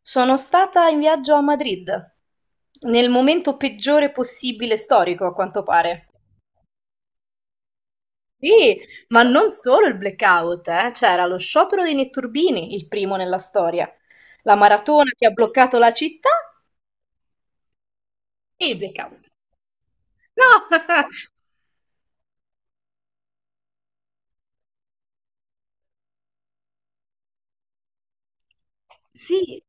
Sono stata in viaggio a Madrid, nel momento peggiore possibile storico, a quanto pare. Sì, ma non solo il blackout, eh. C'era lo sciopero dei netturbini, il primo nella storia, la maratona che ha bloccato la città e il blackout. No! Sì,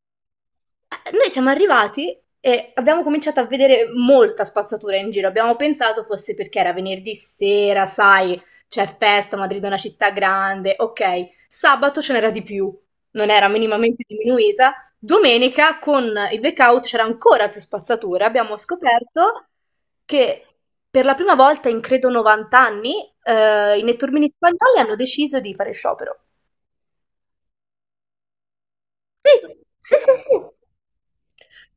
Noi siamo arrivati e abbiamo cominciato a vedere molta spazzatura in giro. Abbiamo pensato fosse perché era venerdì sera, sai, c'è festa, Madrid è una città grande, ok. Sabato ce n'era di più, non era minimamente diminuita. Domenica con il blackout c'era ancora più spazzatura. Abbiamo scoperto che per la prima volta in credo 90 anni i netturbini spagnoli hanno deciso di fare sciopero. Sì, sì, sì, sì.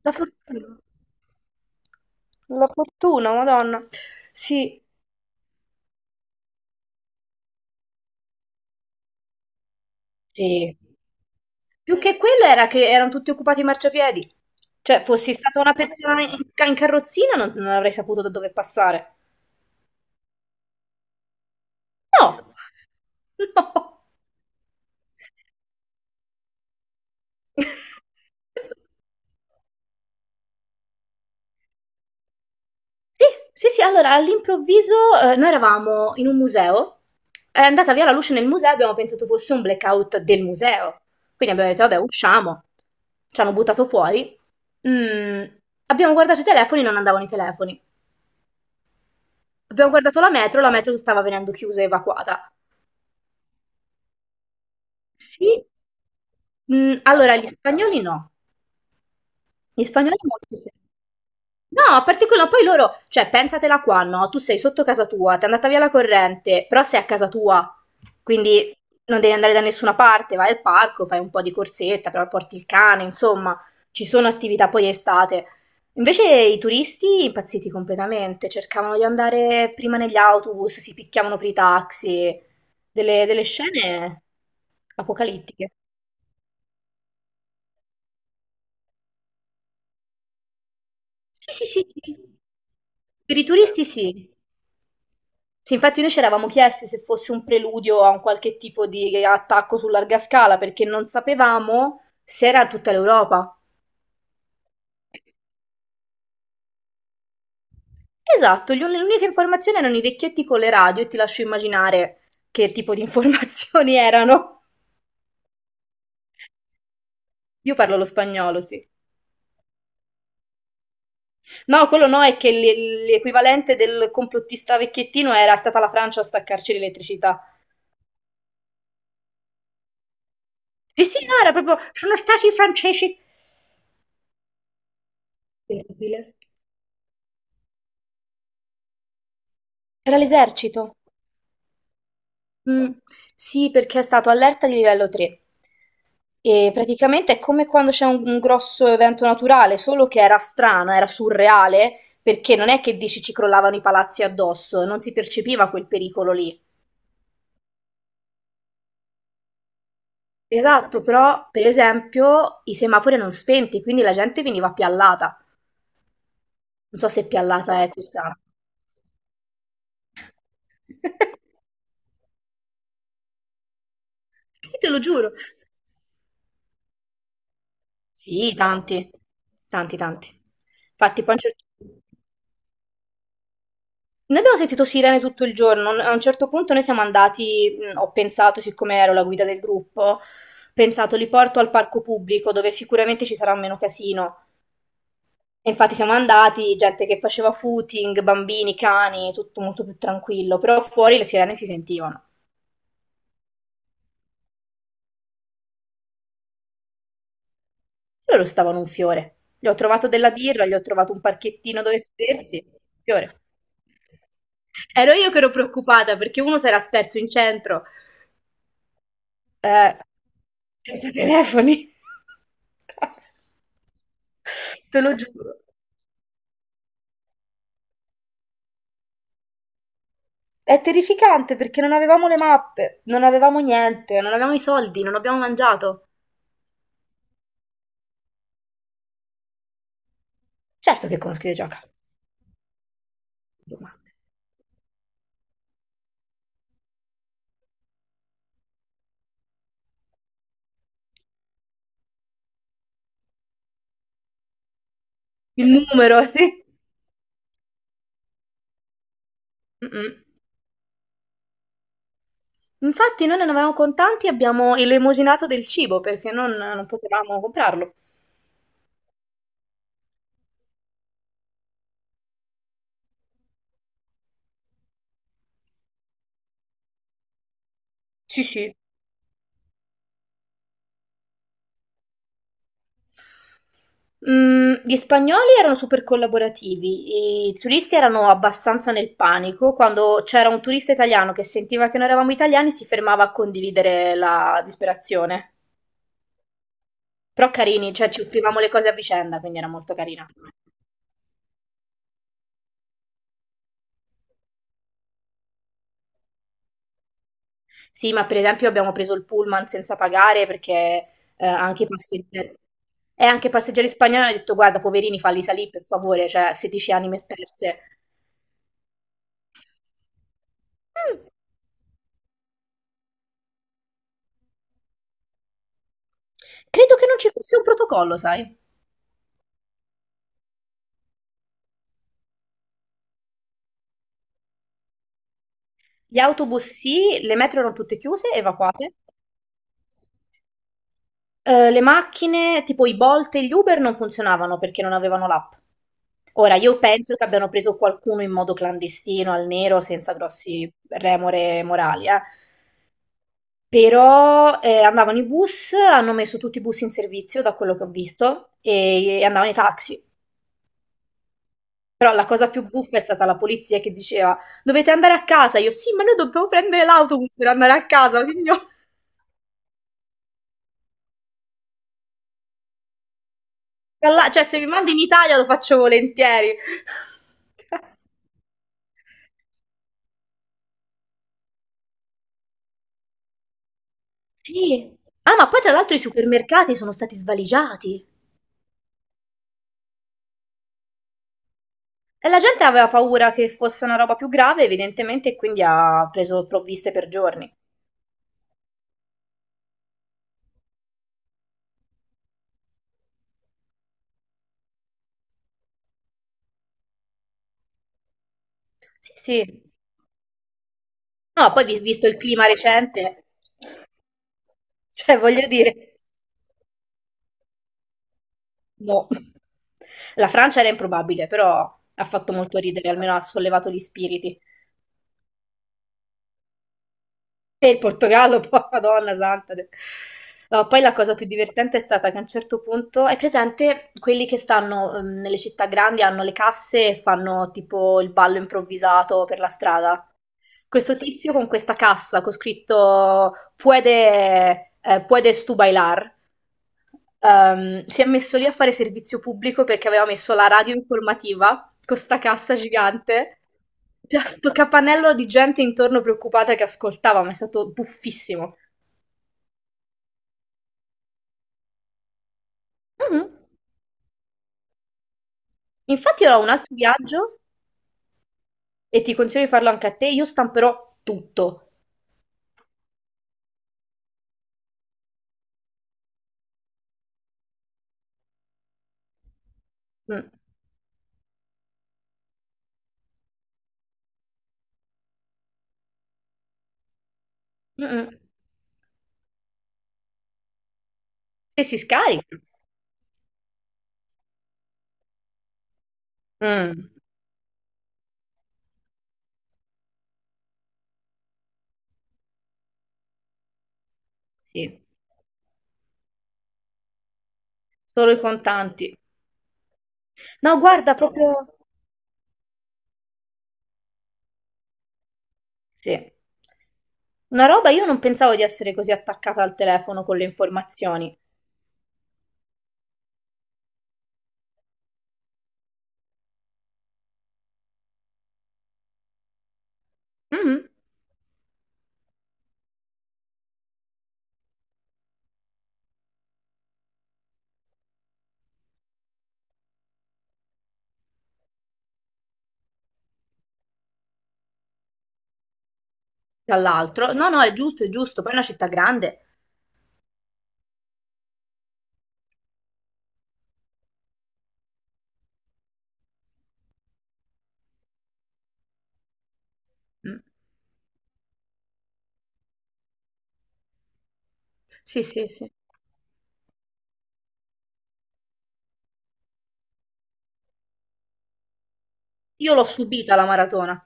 La fortuna. La fortuna, Madonna. Sì. Sì. Più che quello era che erano tutti occupati i marciapiedi. Cioè, fossi stata una persona in carrozzina, non avrei saputo da dove passare. No. No. Sì, sì, sì, allora all'improvviso noi eravamo in un museo. È andata via la luce nel museo, abbiamo pensato fosse un blackout del museo. Quindi abbiamo detto, vabbè, usciamo. Ci hanno buttato fuori. Mm, Abbiamo guardato i telefoni, non andavano i telefoni. Abbiamo guardato la metro stava venendo chiusa e evacuata. Sì, allora gli spagnoli no. Gli spagnoli molto sì. No, particolare, poi loro, cioè, pensatela qua, no? Tu sei sotto casa tua, ti è andata via la corrente, però sei a casa tua, quindi non devi andare da nessuna parte, vai al parco, fai un po' di corsetta, però porti il cane, insomma, ci sono attività poi estate. Invece i turisti impazziti completamente, cercavano di andare prima negli autobus, si picchiavano per i taxi, delle scene apocalittiche. Sì, sì, sì, sì. Per i turisti sì. Sì, infatti noi ci eravamo chiesti se fosse un preludio a un qualche tipo di attacco su larga scala, perché non sapevamo se era tutta l'Europa. Esatto, le uniche informazioni erano i vecchietti con le radio e ti lascio immaginare che tipo di informazioni erano. Io parlo lo spagnolo, sì. No, quello no, è che l'equivalente del complottista vecchiettino era stata la Francia a staccarci l'elettricità. Sì, sì, no, era proprio, sono stati i francesi. Terribile. Era l'esercito. Mm, sì, perché è stato allerta di livello 3. E praticamente è come quando c'è un grosso evento naturale, solo che era strano, era surreale, perché non è che dici ci crollavano i palazzi addosso, non si percepiva quel pericolo lì. Esatto, però per esempio i semafori erano spenti, quindi la gente veniva piallata. Non so se piallata è toscana. Sì, te lo giuro. Sì, tanti, tanti, tanti. Infatti, poi noi abbiamo sentito sirene tutto il giorno, a un certo punto noi siamo andati, ho pensato, siccome ero la guida del gruppo, ho pensato li porto al parco pubblico dove sicuramente ci sarà meno casino. E infatti siamo andati, gente che faceva footing, bambini, cani, tutto molto più tranquillo, però fuori le sirene si sentivano. Loro stavano un fiore. Gli ho trovato della birra, gli ho trovato un parchettino dove sedersi, fiore. Ero io che ero preoccupata perché uno si era sperso in centro, eh, senza telefoni. Te lo giuro. È terrificante perché non avevamo le mappe, non avevamo niente, non avevamo i soldi, non abbiamo mangiato. Certo che conosco i gioca. Domande. Il numero, sì. Mm-mm. Infatti noi non avevamo contanti e abbiamo elemosinato del cibo perché non potevamo comprarlo. Sì, sì. Gli spagnoli erano super collaborativi, i turisti erano abbastanza nel panico. Quando c'era un turista italiano che sentiva che noi eravamo italiani, si fermava a condividere la disperazione. Però carini, cioè ci offrivamo le cose a vicenda, quindi era molto carina. Sì, ma per esempio abbiamo preso il pullman senza pagare perché eh, anche i passeggeri, e anche i passeggeri spagnoli hanno detto guarda, poverini, falli salire per favore, cioè 16 anime sperse. Mm, Credo che non ci fosse un protocollo, sai? Gli autobus sì, le metro erano tutte chiuse, evacuate. Le macchine, tipo i Bolt e gli Uber, non funzionavano perché non avevano l'app. Ora, io penso che abbiano preso qualcuno in modo clandestino, al nero, senza grossi remore morali, eh. Però andavano i bus, hanno messo tutti i bus in servizio, da quello che ho visto, e andavano i taxi. Però la cosa più buffa è stata la polizia che diceva: Dovete andare a casa. Io, sì, ma noi dobbiamo prendere l'autobus per andare a casa, signor. Cioè, se mi mandi in Italia lo faccio volentieri. Sì. Ah, ma poi tra l'altro i supermercati sono stati svaligiati. E la gente aveva paura che fosse una roba più grave, evidentemente, e quindi ha preso provviste per giorni. Sì, sì. No, poi visto il clima recente, cioè voglio dire, no. La Francia era improbabile, però ha fatto molto ridere, almeno ha sollevato gli spiriti. E il Portogallo, poi, Madonna santa. No, poi la cosa più divertente è stata che a un certo punto, hai presente quelli che stanno nelle città grandi, hanno le casse e fanno tipo il ballo improvvisato per la strada? Questo tizio con questa cassa con scritto puedes tú bailar si è messo lì a fare servizio pubblico perché aveva messo la radio informativa con 'sta cassa gigante, c'era sto capannello di gente intorno preoccupata che ascoltava, ma è stato buffissimo. Mh-mh. Infatti io ho un altro viaggio, e ti consiglio di farlo anche a te, io stamperò tutto. Mh. Mh-mh. E si scarica. Mh. Sì, solo i contanti. No, guarda, proprio sì. Una roba io non pensavo di essere così attaccata al telefono con le informazioni. Mh-mh. Dall'altro. No, no, è giusto, è giusto. Poi è una città grande. Mm. Sì, sì, sì. Io l'ho subita la maratona.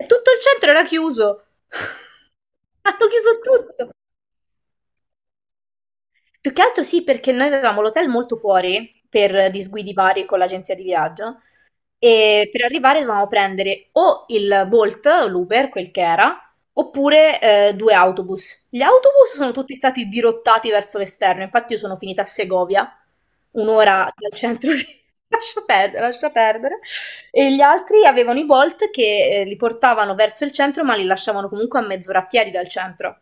E tutto il centro era chiuso. Hanno chiuso tutto. Più che altro sì, perché noi avevamo l'hotel molto fuori per disguidi vari con l'agenzia di viaggio. E per arrivare dovevamo prendere o il Bolt, o l'Uber, quel che era, oppure due autobus. Gli autobus sono tutti stati dirottati verso l'esterno, infatti io sono finita a Segovia, un'ora dal centro di— Lascia perdere, lascia perdere. E gli altri avevano i Bolt che li portavano verso il centro, ma li lasciavano comunque a mezz'ora a piedi dal centro.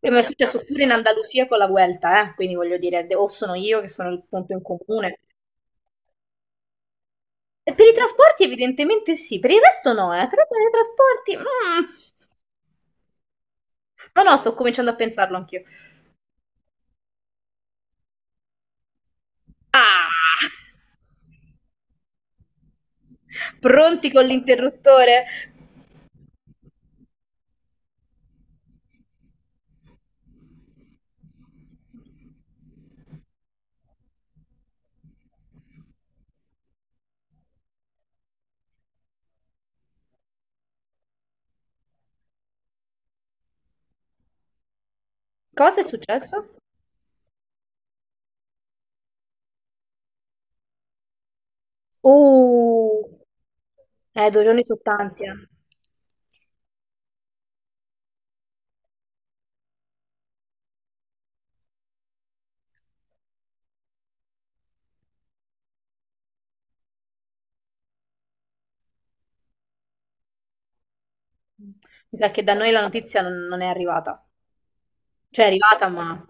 E mi è successo pure in Andalusia con la Vuelta, eh. Quindi voglio dire, o sono io che sono il punto in comune. E per i trasporti evidentemente sì, per il resto no, eh. Però per i trasporti— Mm. No, no, sto cominciando a pensarlo anch'io. Ah! Pronti con l'interruttore? Cosa è successo? Oh! 2 giorni sono tanti, eh. Mi sa che da noi la notizia non è arrivata. Cioè è arrivata, ma—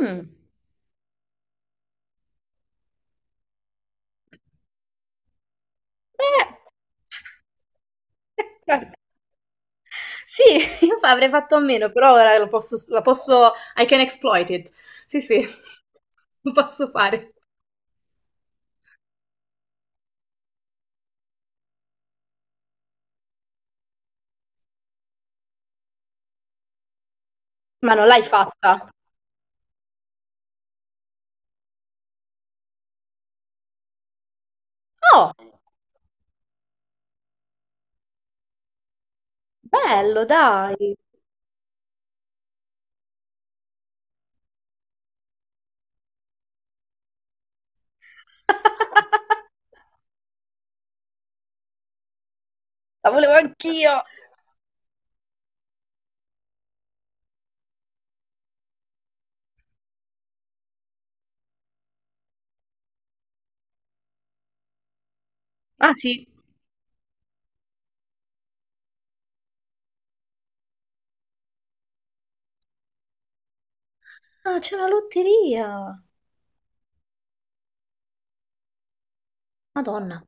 Mm, eh. Guarda, sì, io avrei fatto a meno, però ora lo posso, la posso— I can exploit it. Sì, sì, lo posso fare. Ma non l'hai fatta? Oh, bello, dai. La volevo anch'io! Ah, sì. Ah, c'è la lotteria. Madonna.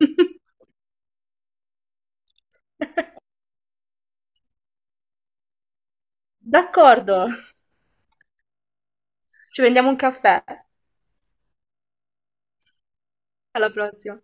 D'accordo. Ci prendiamo un caffè. Alla prossima.